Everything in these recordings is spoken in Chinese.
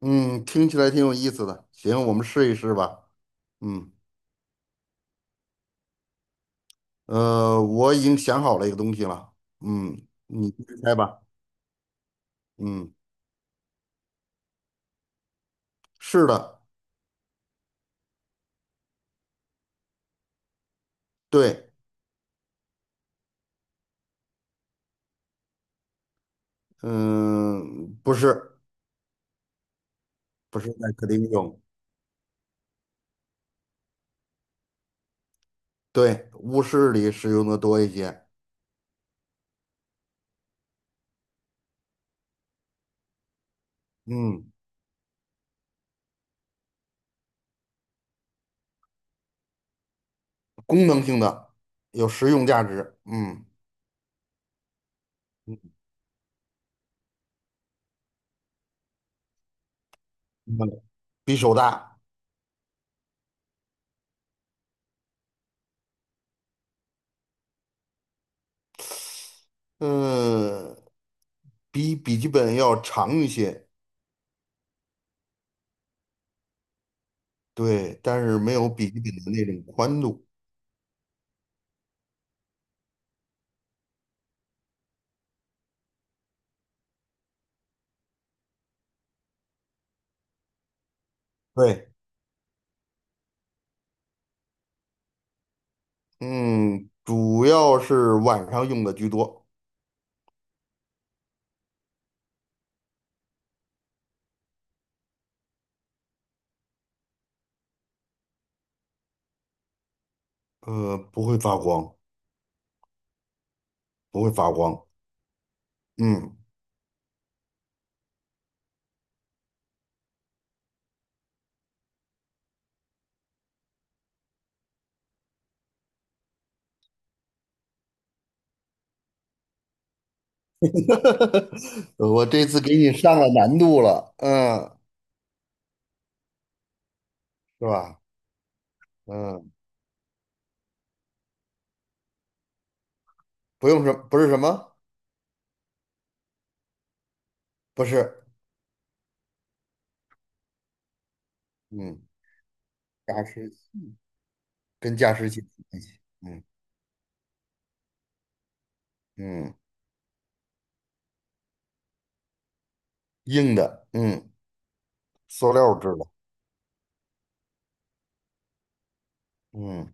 嗯，听起来挺有意思的。行，我们试一试吧。嗯，我已经想好了一个东西了。嗯，你猜吧。嗯，是的，对，嗯，不是，不是在客厅用，对，卧室里使用的多一些。嗯，功能性的，有实用价值。嗯，嗯比手大，嗯，比笔记本要长一些，对，但是没有笔记本的那种宽度。对。嗯，主要是晚上用的居多，不会发光，不会发光。嗯，我这次给你上了难度了，嗯，是吧？嗯，不是什么，不是，嗯，加湿器跟加湿器有关系，嗯嗯，硬的，嗯，塑料制的，嗯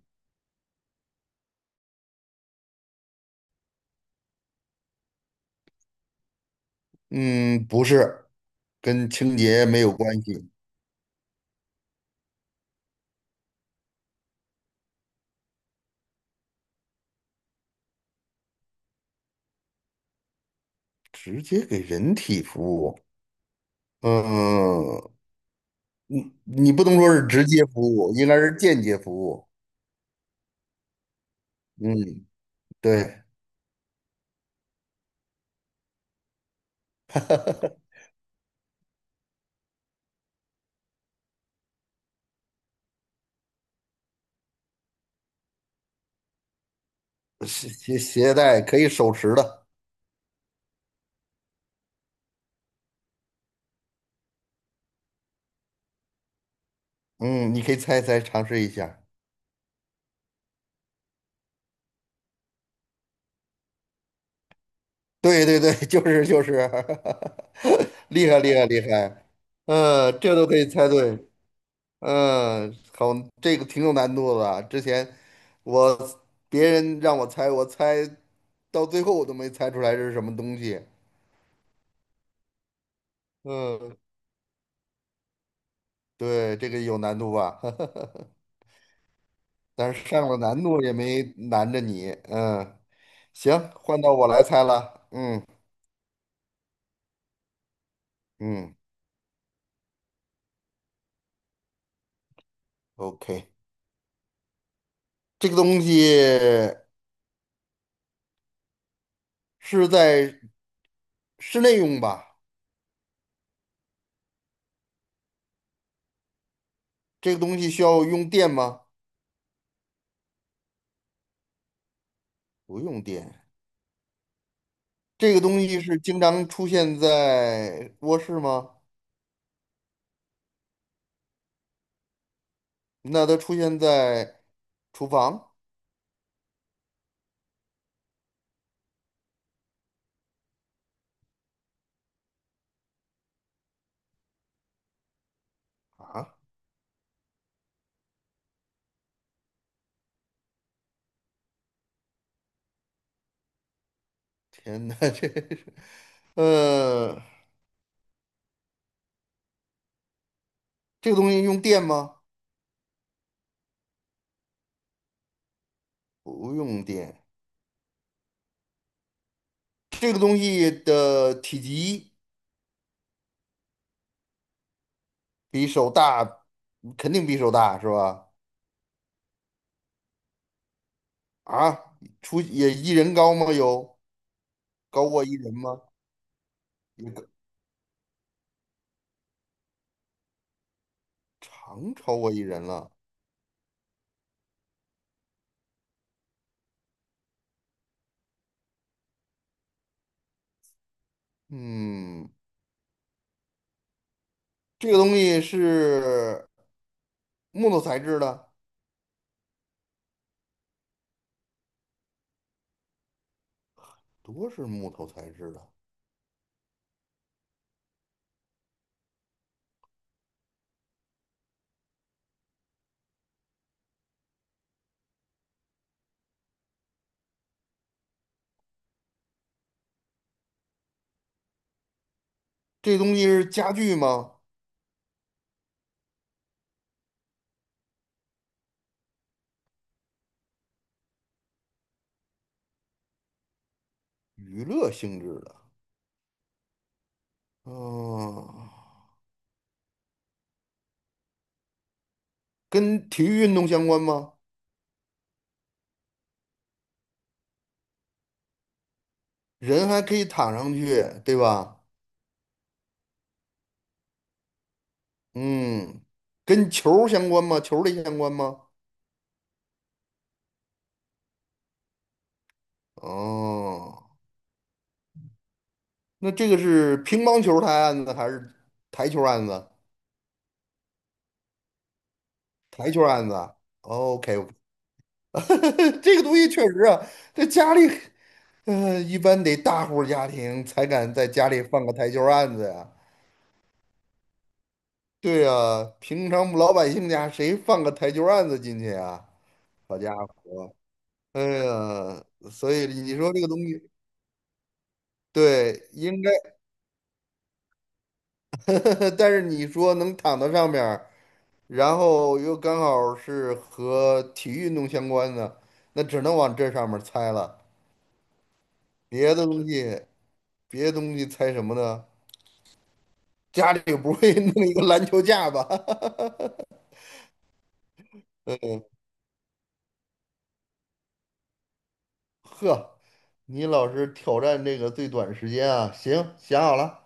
嗯，不是，跟清洁没有关系，直接给人体服务，嗯，你不能说是直接服务，应该是间接服务。嗯，对 携带可以手持的。嗯，你可以猜一猜尝试一下。对，就是，厉害厉害厉害。嗯，这都可以猜对。嗯，好，这个挺有难度的啊，之前我别人让我猜，我猜到最后我都没猜出来这是什么东西。嗯，对，这个有难度吧？但是上了难度也没难着你，嗯，行，换到我来猜了，嗯嗯，OK，这个东西是在室内用吧？这个东西需要用电吗？不用电。这个东西是经常出现在卧室吗？那它出现在厨房啊？天哪，这是，呃，这个东西用电吗？不用电。这个东西的体积。比手大，肯定比手大是吧？啊，出也一人高吗？有高过一人吗？也高长超过一人了。嗯，这个东西是木头材质的，多是木头材质的。这东西是家具吗？娱乐性质的。嗯，跟体育运动相关吗？人还可以躺上去，对吧？嗯，跟球儿相关吗？球儿类相关吗？哦。那这个是乒乓球台案子还是台球案子？台球案子， o k 这个东西确实啊，在家里，呃，一般得大户家庭才敢在家里放个台球案子呀。对呀，平常老百姓家谁放个台球案子进去啊？好家伙，哎呀，所以你说这个东西，对，应该，但是你说能躺到上面。然后又刚好是和体育运动相关的，那只能往这上面猜了。别的东西，别的东西猜什么呢？家里不会 弄一个篮球架吧？呵，你老是挑战这个最短时间啊！行，想好了，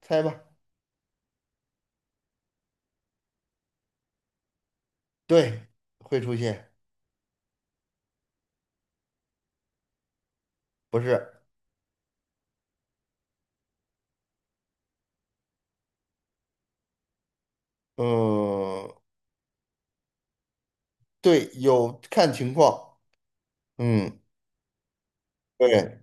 猜吧。对，会出现，不是？嗯，对，有看情况。嗯，对，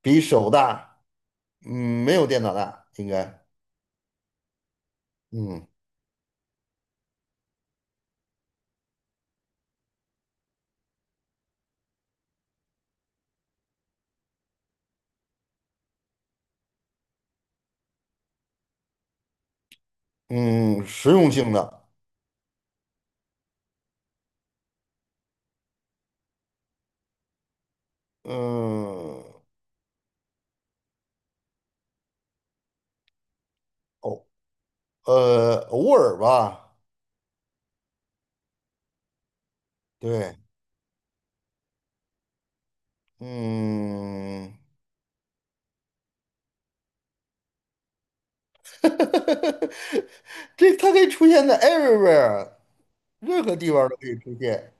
比手大，嗯，没有电脑大，应该。嗯。嗯，实用性的，嗯，偶偶尔吧，对，嗯，这它可以出现在 everywhere，任何地方都可以出现。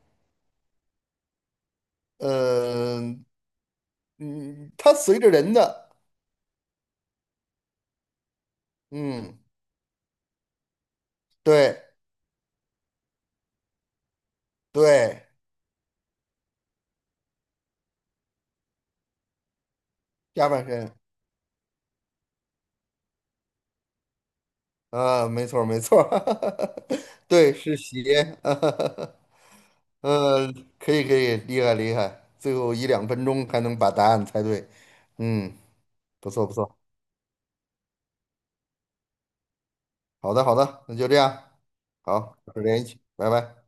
嗯，嗯，它随着人的，嗯，对对，下半身啊，没错儿没错儿，对，是鞋，呃，可以可以，厉害厉害，最后一两分钟还能把答案猜对，嗯，不错不错，好的好的，那就这样，好，保持联系，拜拜。